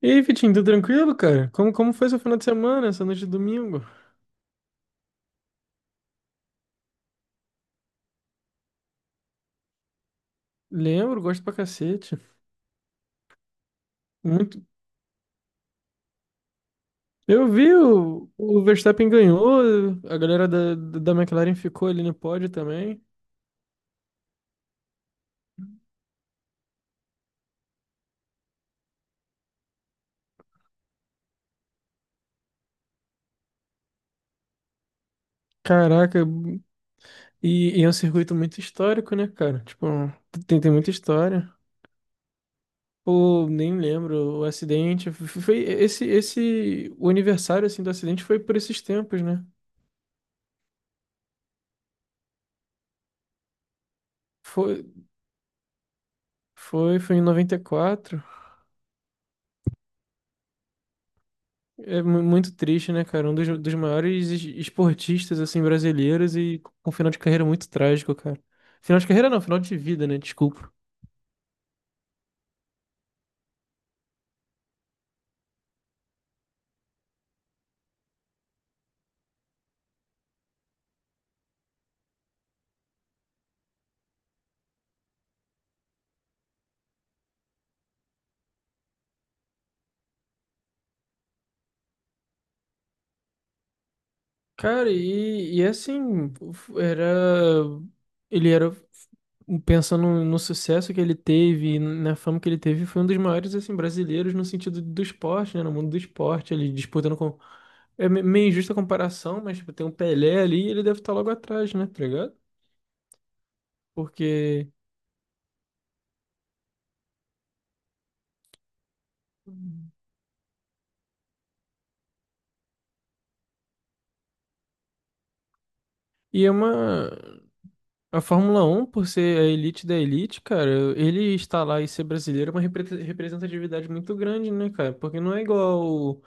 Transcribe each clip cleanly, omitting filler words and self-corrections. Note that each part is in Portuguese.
E aí, Vitinho, tudo tranquilo, cara? Como foi seu final de semana, essa noite de domingo? Lembro, gosto pra cacete. Muito. Eu vi o Verstappen ganhou, a galera da McLaren ficou ali no pódio também. Caraca, e é um circuito muito histórico, né, cara? Tipo, tem muita história. Pô, nem lembro, o acidente. Foi esse, o aniversário, assim, do acidente foi por esses tempos, né? Foi, foi em 94. É muito triste, né, cara? Um dos maiores esportistas, assim, brasileiros e com um final de carreira muito trágico, cara. Final de carreira não, final de vida, né? Desculpa. Cara, e assim, f- era. Ele era. Pensando no sucesso que ele teve, e na fama que ele teve, foi um dos maiores, assim, brasileiros no sentido do esporte, né? No mundo do esporte, ele disputando com. É meio injusta a comparação, mas tipo, tem um Pelé ali e ele deve estar logo atrás, né? Tá ligado? Porque. E é uma. A Fórmula Um, por ser a elite da elite, cara, ele estar lá e ser brasileiro é uma representatividade muito grande, né, cara? Porque não é igual.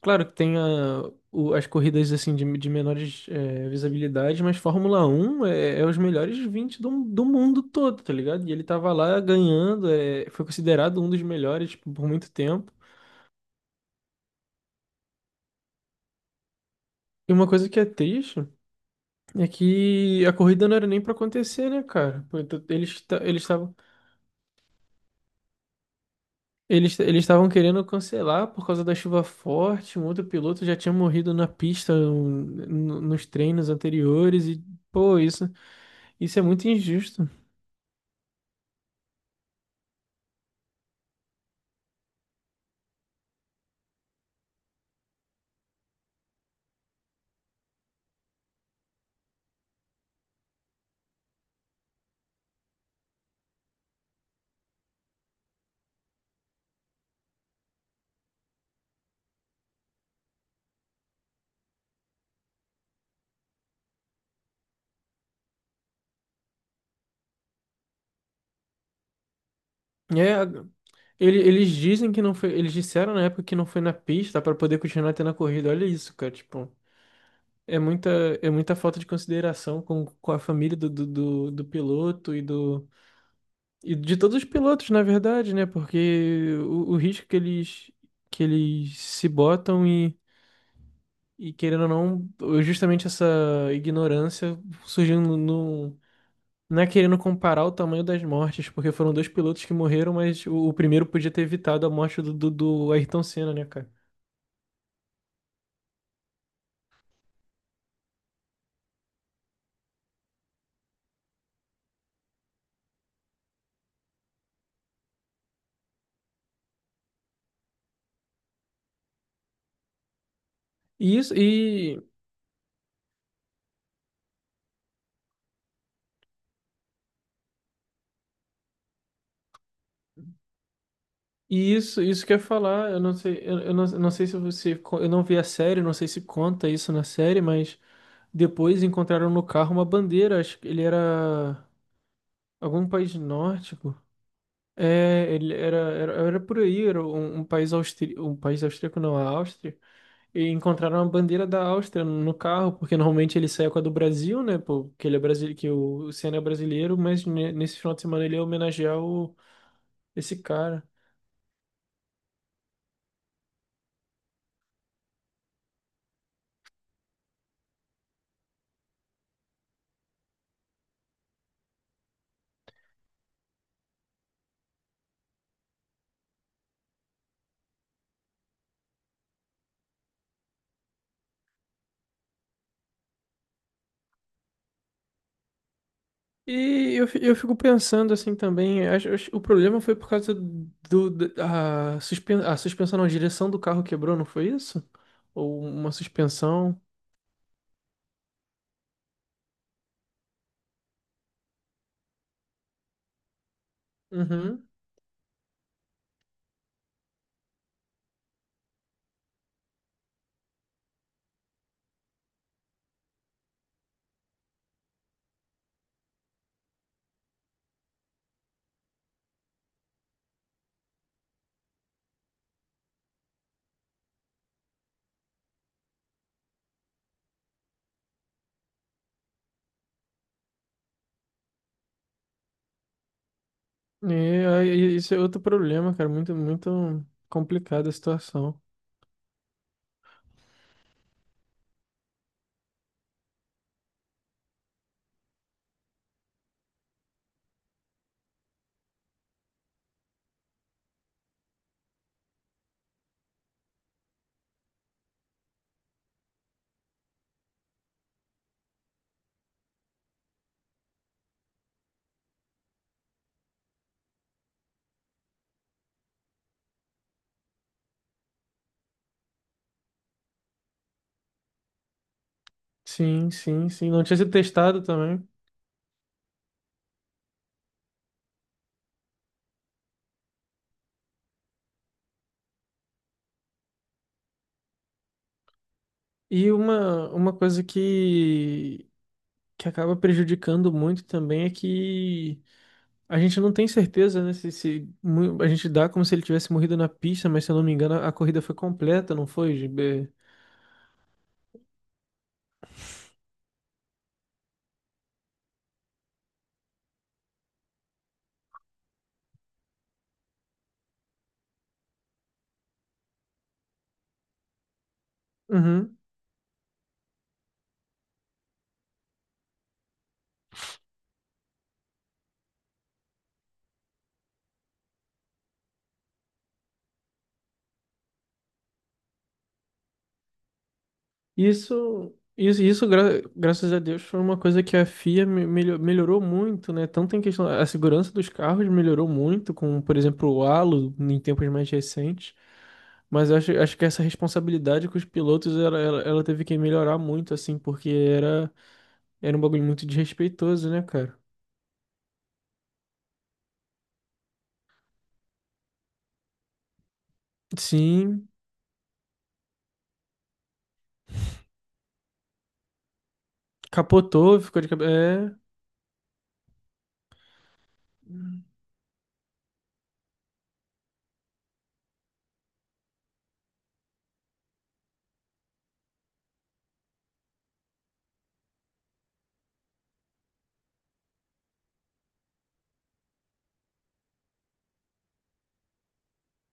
Claro que tem as corridas assim de menores é, visibilidade, mas Fórmula 1 é os melhores 20 do mundo todo, tá ligado? E ele tava lá ganhando, é, foi considerado um dos melhores por muito tempo. E uma coisa que é triste é que a corrida não era nem pra acontecer, né, cara? Pô, então, eles estavam. Eles estavam querendo cancelar por causa da chuva forte. Um outro piloto já tinha morrido na pista, nos treinos anteriores. E, pô, isso é muito injusto. É, eles dizem que não foi. Eles disseram na época que não foi na pista para poder continuar tendo a corrida. Olha isso, cara. Tipo, é muita, é muita falta de consideração com a família do piloto e do. E de todos os pilotos, na verdade, né? Porque o risco que eles se botam. E querendo ou não, justamente essa ignorância surgiu não é querendo comparar o tamanho das mortes, porque foram dois pilotos que morreram, mas o primeiro podia ter evitado a morte do Ayrton Senna, né, cara? E isso, e isso quer falar, eu não sei, eu não sei se você, eu não vi a série, não sei se conta isso na série, mas depois encontraram no carro uma bandeira, acho que ele era algum país nórdico. É, ele era por aí, era um país austríaco, um país austríaco não, a Áustria, e encontraram a bandeira da Áustria no carro, porque normalmente ele sai com a do Brasil, né, pô, que ele é brasile que o Senna é brasileiro, mas nesse final de semana ele ia homenagear esse cara. E eu fico pensando assim também, o problema foi por causa do, da a, suspen, a suspensão, não, a direção do carro quebrou, não foi isso? Ou uma suspensão? Uhum. É, e aí, isso é outro problema, cara. Muito, muito complicada a situação. Sim, sim, sim. Não tinha sido testado também. E uma coisa que acaba prejudicando muito também é que a gente não tem certeza, né? Se mu- a gente dá como se ele tivesse morrido na pista, mas se eu não me engano, a corrida foi completa, não foi, GB? Isso, isso, isso graças a Deus, foi uma coisa que a FIA melhorou muito, né? Tanto em questão, a segurança dos carros melhorou muito, com, por exemplo, o halo em tempos mais recentes. Mas eu acho que essa responsabilidade com os pilotos, ela teve que melhorar muito, assim, porque era um bagulho muito desrespeitoso, né, cara? Sim, capotou, ficou de cabeça. É.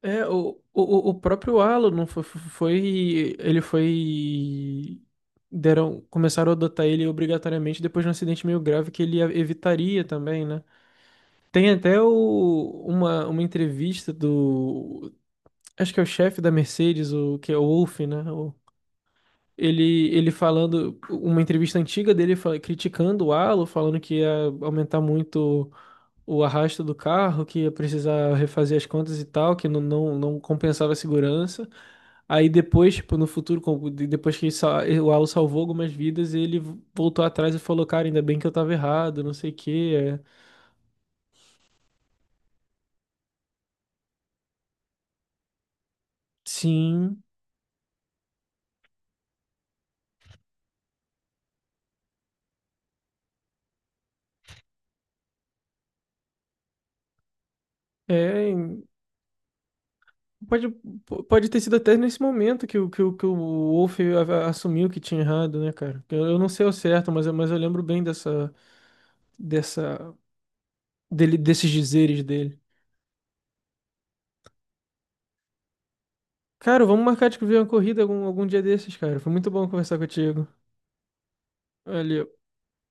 É, o próprio Alan não foi, Ele foi. Deram, começaram a adotar ele obrigatoriamente depois de um acidente meio grave que ele evitaria também, né? Tem até uma entrevista do. Acho que é o chefe da Mercedes, que é o Wolff, né? Ele falando. Uma entrevista antiga dele criticando o Alan, falando que ia aumentar muito o arrasto do carro, que ia precisar refazer as contas e tal, que não compensava a segurança. Aí depois, tipo, no futuro, depois que o Alu salvou algumas vidas, ele voltou atrás e falou, cara, ainda bem que eu tava errado, não sei o quê. É. Sim, é. Pode, pode ter sido até nesse momento que o Wolf assumiu que tinha errado, né, cara? Eu não sei ao certo, mas eu lembro bem dessa, desses dizeres dele. Cara, vamos marcar de ver uma corrida algum dia desses, cara. Foi muito bom conversar contigo. Valeu.